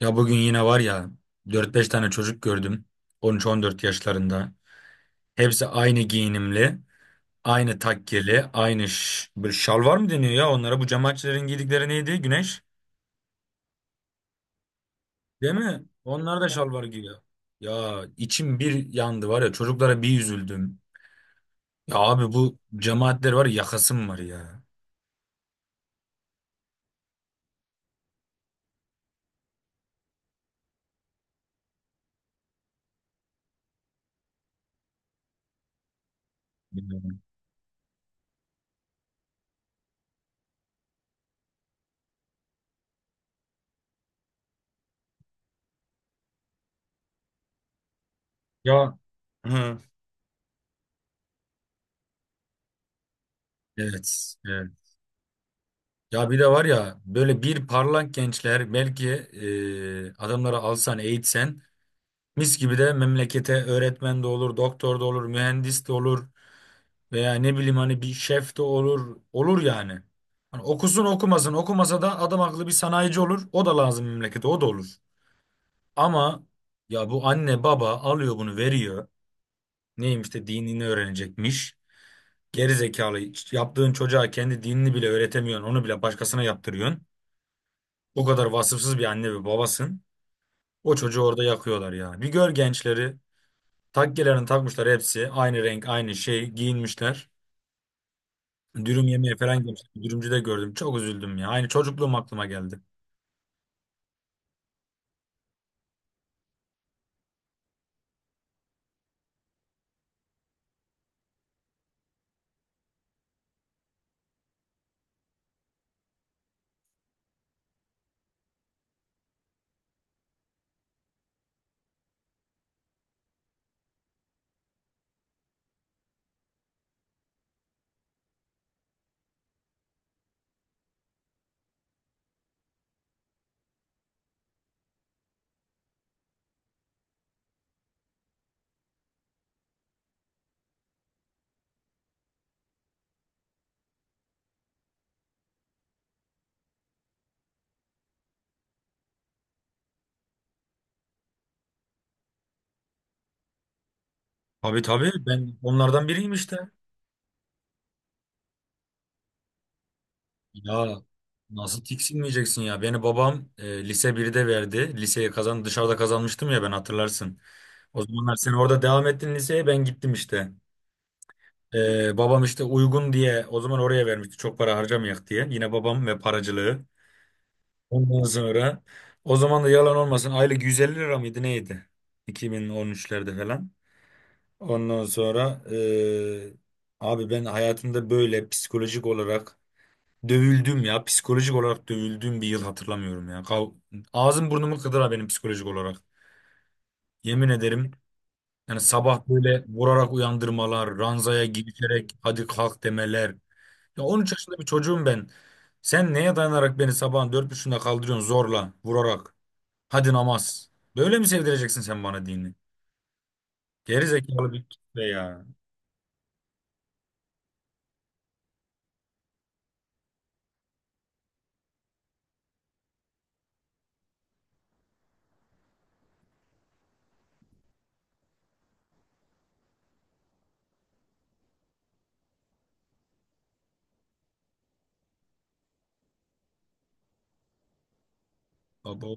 Ya bugün yine var ya, dört beş tane çocuk gördüm, on üç on dört yaşlarında. Hepsi aynı giyinimli, aynı takkeli, bir şalvar mı deniyor ya onlara? Bu cemaatçilerin giydikleri neydi? Güneş, değil mi? Onlar da şalvar giyiyor. Ya içim bir yandı var ya, çocuklara bir üzüldüm. Ya abi, bu cemaatler var ya, yakasım var ya. Bilmiyorum. Ya. Hı. Evet, evet. Ya bir de var ya, böyle bir parlak gençler belki, adamları alsan eğitsen, mis gibi de memlekete öğretmen de olur, doktor da olur, mühendis de olur, veya ne bileyim, hani bir şef de olur. Olur yani. Hani okusun okumasın, okumasa da adam akıllı bir sanayici olur. O da lazım memlekete, o da olur. Ama ya, bu anne baba alıyor, bunu veriyor. Neymiş de dinini öğrenecekmiş. Geri zekalı, yaptığın çocuğa kendi dinini bile öğretemiyorsun, onu bile başkasına yaptırıyorsun. O kadar vasıfsız bir anne ve babasın. O çocuğu orada yakıyorlar ya. Bir gör gençleri. Takkelerini takmışlar hepsi. Aynı renk, aynı şey giyinmişler. Dürüm yemeye falan gitmişler. Dürümcüde gördüm. Çok üzüldüm ya. Aynı çocukluğum aklıma geldi. Tabii tabii, ben onlardan biriyim işte. Ya nasıl tiksinmeyeceksin ya? Beni babam lise birde verdi. Liseyi kazan, dışarıda kazanmıştım ya, ben, hatırlarsın. O zamanlar sen orada devam ettin liseye, ben gittim işte. Babam işte uygun diye o zaman oraya vermişti. Çok para harcamayak diye. Yine babam ve paracılığı. Ondan sonra o zaman da, yalan olmasın, aylık 150 lira mıydı neydi? 2013'lerde falan. Ondan sonra abi, ben hayatımda böyle psikolojik olarak dövüldüm ya. Psikolojik olarak dövüldüğüm bir yıl hatırlamıyorum ya. Kav, ağzım burnumu kıdıra benim, psikolojik olarak. Yemin ederim, yani sabah böyle vurarak uyandırmalar, ranzaya girişerek hadi kalk demeler. Ya 13 yaşında bir çocuğum ben. Sen neye dayanarak beni sabahın 4:30'unda kaldırıyorsun zorla, vurarak? Hadi namaz. Böyle mi sevdireceksin sen bana dini? Geri zekalı bir kitle ya. Baba,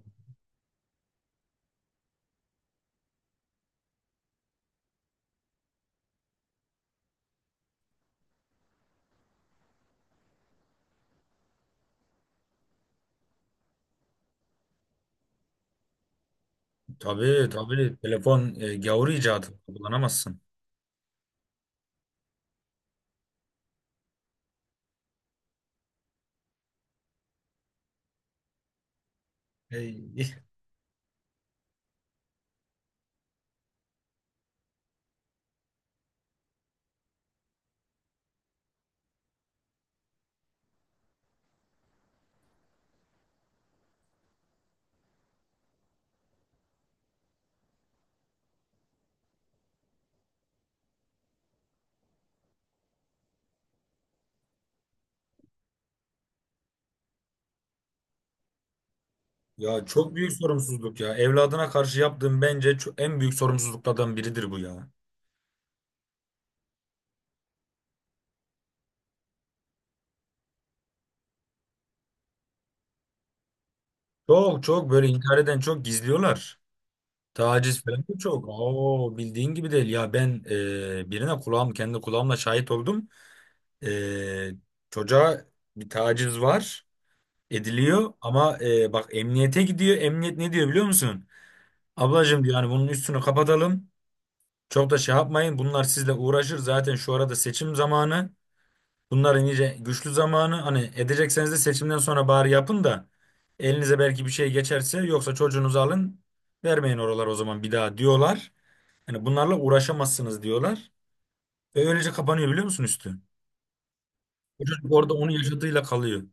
tabii tabii, telefon gavur icadı, kullanamazsın. Ey. Ya çok büyük sorumsuzluk ya. Evladına karşı yaptığın, bence en büyük sorumsuzluklardan biridir bu ya. Çok çok böyle intihar eden, çok gizliyorlar. Taciz falan da çok. Oo, bildiğin gibi değil. Ya ben, birine kulağım, kendi kulağımla şahit oldum. E, çocuğa bir taciz var, ediliyor, ama bak, emniyete gidiyor. Emniyet ne diyor, biliyor musun? Ablacığım diyor, hani bunun üstünü kapatalım. Çok da şey yapmayın. Bunlar sizle uğraşır. Zaten şu arada seçim zamanı. Bunların iyice güçlü zamanı. Hani edecekseniz de seçimden sonra bari yapın da, elinize belki bir şey geçerse, yoksa çocuğunuzu alın, vermeyin oralar o zaman bir daha, diyorlar. Hani bunlarla uğraşamazsınız diyorlar. Ve öylece kapanıyor, biliyor musun, üstü? O çocuk orada onu yaşadığıyla kalıyor.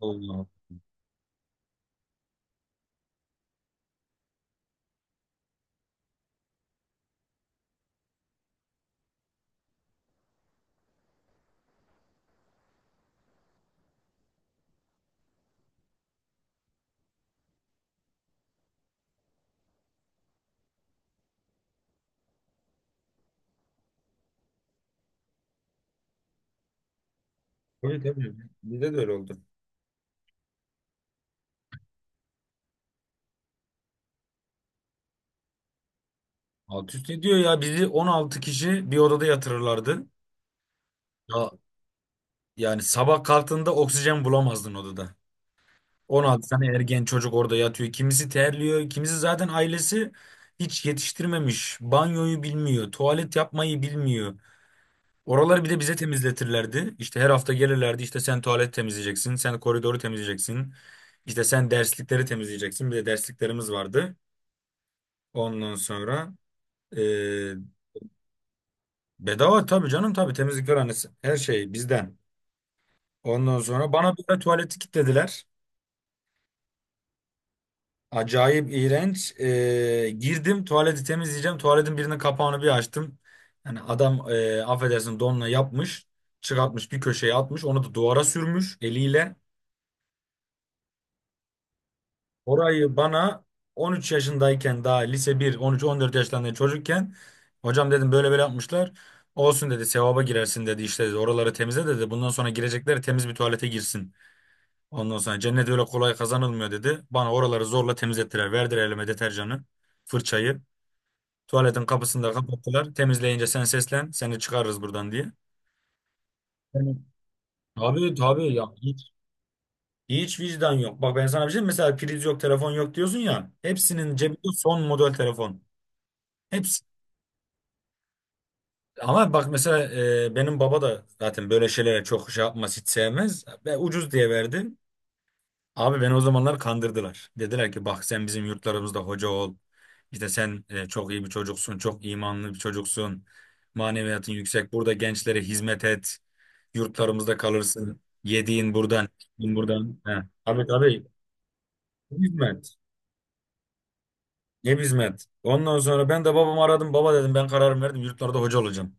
Allah. Tabii tabii. Bizde de öyle oldu. Alt üst ediyor ya, bizi 16 kişi bir odada yatırırlardı. Ya, yani sabah kalktığında oksijen bulamazdın odada. 16 tane ergen çocuk orada yatıyor. Kimisi terliyor, kimisi zaten ailesi hiç yetiştirmemiş. Banyoyu bilmiyor, tuvalet yapmayı bilmiyor. Oraları bir de bize temizletirlerdi. İşte her hafta gelirlerdi. İşte sen tuvalet temizleyeceksin, sen koridoru temizleyeceksin. İşte sen derslikleri temizleyeceksin. Bir de dersliklerimiz vardı. Ondan sonra eee, bedava tabii canım, tabii, temizlikler annesi. Her şey bizden. Ondan sonra bana bir de tuvaleti kilitlediler. Acayip iğrenç. Girdim tuvaleti temizleyeceğim. Tuvaletin birinin kapağını bir açtım. Yani adam affedersin, donla yapmış. Çıkartmış bir köşeye atmış. Onu da duvara sürmüş eliyle. Orayı bana 13 yaşındayken, daha lise 1, 13-14 yaşlarında çocukken, hocam dedim, böyle böyle yapmışlar. Olsun dedi, sevaba girersin dedi, işte dedi. Oraları temizle dedi. Bundan sonra girecekler temiz bir tuvalete girsin. Ondan sonra cennet öyle kolay kazanılmıyor dedi. Bana oraları zorla temizlettiler. Verdiler elime deterjanı, fırçayı. Tuvaletin kapısını da kapattılar. Temizleyince sen seslen, seni çıkarırız buradan diye. Yani abi, tabii ya, hiç vicdan yok. Bak, ben sana bir şey diyeyim. Mesela priz yok, telefon yok diyorsun ya. Hepsinin cebinde son model telefon. Hepsi. Ama bak mesela, benim baba da zaten böyle şeylere çok şey yapmaz, hiç sevmez. Ve ucuz diye verdi. Abi, beni o zamanlar kandırdılar. Dediler ki, bak, sen bizim yurtlarımızda hoca ol. İşte sen çok iyi bir çocuksun, çok imanlı bir çocuksun. Maneviyatın yüksek. Burada gençlere hizmet et. Yurtlarımızda kalırsın. Yediğin buradan, içtiğin buradan. He. Abi tabii. Hizmet. Ne hizmet? Ondan sonra ben de babamı aradım. Baba dedim, ben kararımı verdim. Yurtlarda hoca olacağım.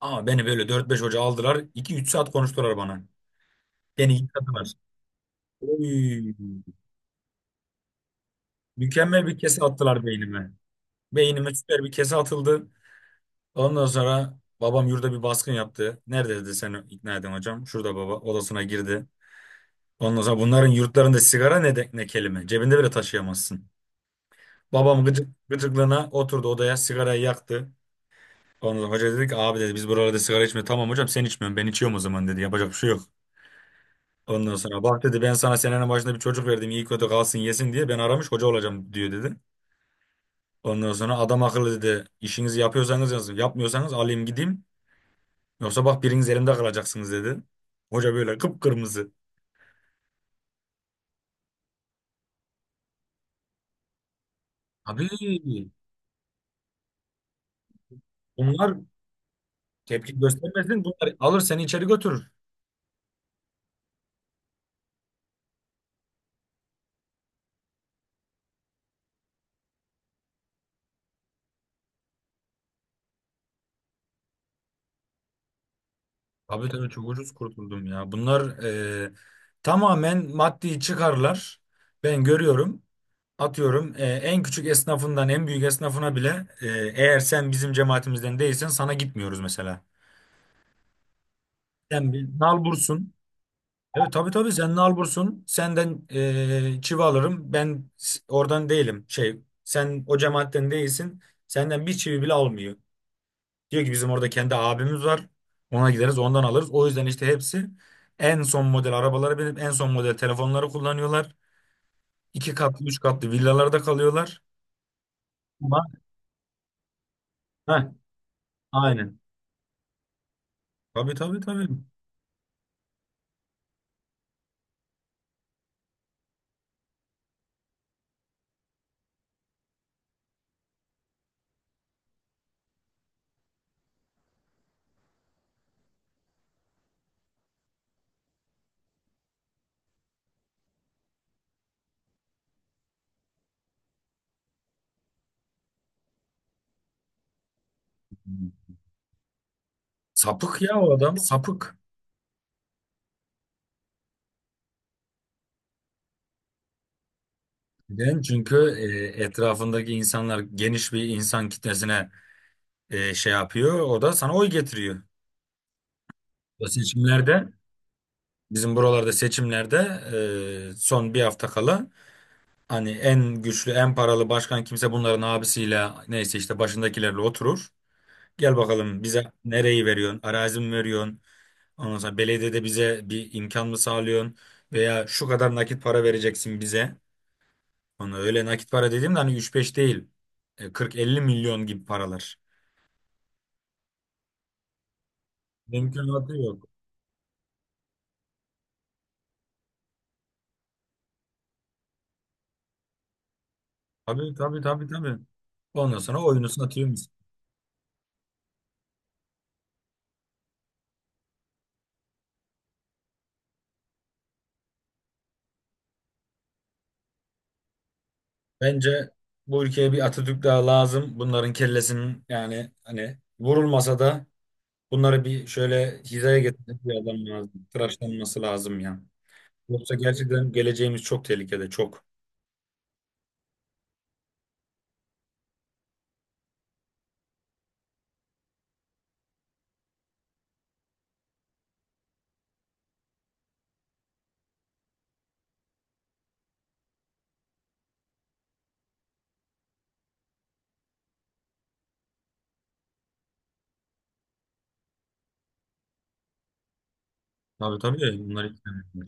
Ama beni böyle dört beş hoca aldılar. İki üç saat konuştular bana. Beni yıkadılar. Oy, mükemmel bir kese attılar beynime. Beynime süper bir kese atıldı. Ondan sonra babam yurda bir baskın yaptı. Nerede dedi seni ikna edin hocam? Şurada, baba odasına girdi. Ondan sonra bunların yurtlarında sigara ne, de, ne kelime. Cebinde bile taşıyamazsın. Babam gıcık, gıcıklığına oturdu odaya, sigarayı yaktı. Ondan sonra hoca dedi ki, abi dedi, biz buralarda sigara içmiyoruz. Tamam hocam, sen içmiyorsun, ben içiyorum o zaman dedi. Yapacak bir şey yok. Ondan sonra bak dedi, ben sana senenin başında bir çocuk verdim, iyi kötü kalsın yesin diye, ben aramış hoca olacağım diyor dedi. Ondan sonra adam akıllı dedi, işinizi yapıyorsanız yazın, yapmıyorsanız alayım gideyim. Yoksa bak, biriniz elimde kalacaksınız dedi. Hoca böyle kıpkırmızı. Abi, bunlar tepki göstermesin. Bunlar alır seni içeri götürür. Abi tabii, çok ucuz kurtuldum ya. Bunlar, e, tamamen maddi çıkarlar. Ben görüyorum. Atıyorum, en küçük esnafından en büyük esnafına bile, eğer sen bizim cemaatimizden değilsen sana gitmiyoruz mesela. Sen bir nalbursun. Evet tabii tabii, sen nalbursun. Senden çivi alırım. Oradan değilim. Şey, sen o cemaatten değilsin. Senden bir çivi bile almıyor. Diyor ki, bizim orada kendi abimiz var. Ona gideriz, ondan alırız. O yüzden işte hepsi en son model arabaları, benim en son model telefonları kullanıyorlar. İki katlı üç katlı villalarda kalıyorlar. Ama heh, aynen. Tabii tabii tabii. Sapık ya, o adam sapık. Neden? Çünkü etrafındaki insanlar geniş bir insan kitlesine, şey yapıyor. O da sana oy getiriyor. Bu seçimlerde, bizim buralarda seçimlerde, son bir hafta kala, hani en güçlü en paralı başkan kimse, bunların abisiyle neyse işte başındakilerle oturur. Gel bakalım, bize nereyi veriyorsun? Arazi mi veriyorsun? Ondan sonra belediyede bize bir imkan mı sağlıyorsun? Veya şu kadar nakit para vereceksin bize. Ona öyle nakit para dediğimde hani üç beş değil. E, 40-50 milyon gibi paralar. Mümkünatı yok. Tabii tabii tabii tabii. Ondan sonra oyunu satıyoruz. Bence bu ülkeye bir Atatürk daha lazım. Bunların kellesinin, yani hani vurulmasa da, bunları bir şöyle hizaya getirecek bir adam lazım. Tıraşlanması lazım ya. Yoksa gerçekten geleceğimiz çok tehlikede, çok. Tabii tabii, bunlar istemiyorlar.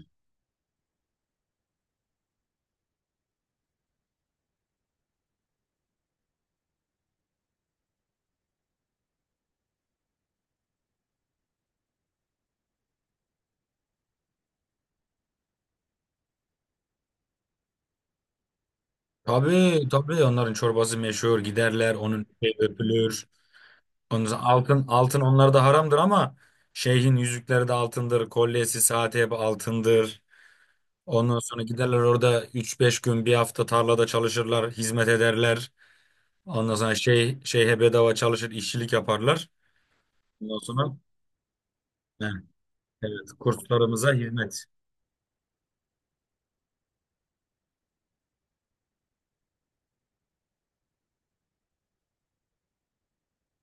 Tabii tabii, onların çorbası meşhur, giderler, onun şey öpülür. Ondan sonra altın, altın onlar da haramdır ama, şeyhin yüzükleri de altındır, kolyesi, saati hep altındır. Ondan sonra giderler orada üç beş gün bir hafta tarlada çalışırlar, hizmet ederler. Ondan sonra şey, şeyhe bedava çalışır, işçilik yaparlar. Ondan sonra he, evet, kurslarımıza hizmet.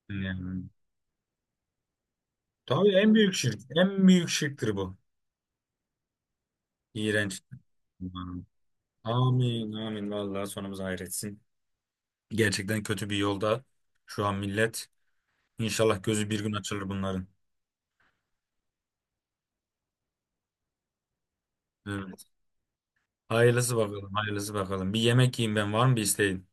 Yani, tabii, en büyük şirk, en büyük şirktir bu. İğrenç. Amin, amin. Vallahi sonumuz hayretsin. Gerçekten kötü bir yolda şu an millet. İnşallah gözü bir gün açılır bunların. Evet. Hayırlısı bakalım, hayırlısı bakalım. Bir yemek yiyeyim ben. Var mı bir isteğin?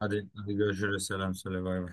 Hadi, hadi görüşürüz. Selam söyle. Bay bay.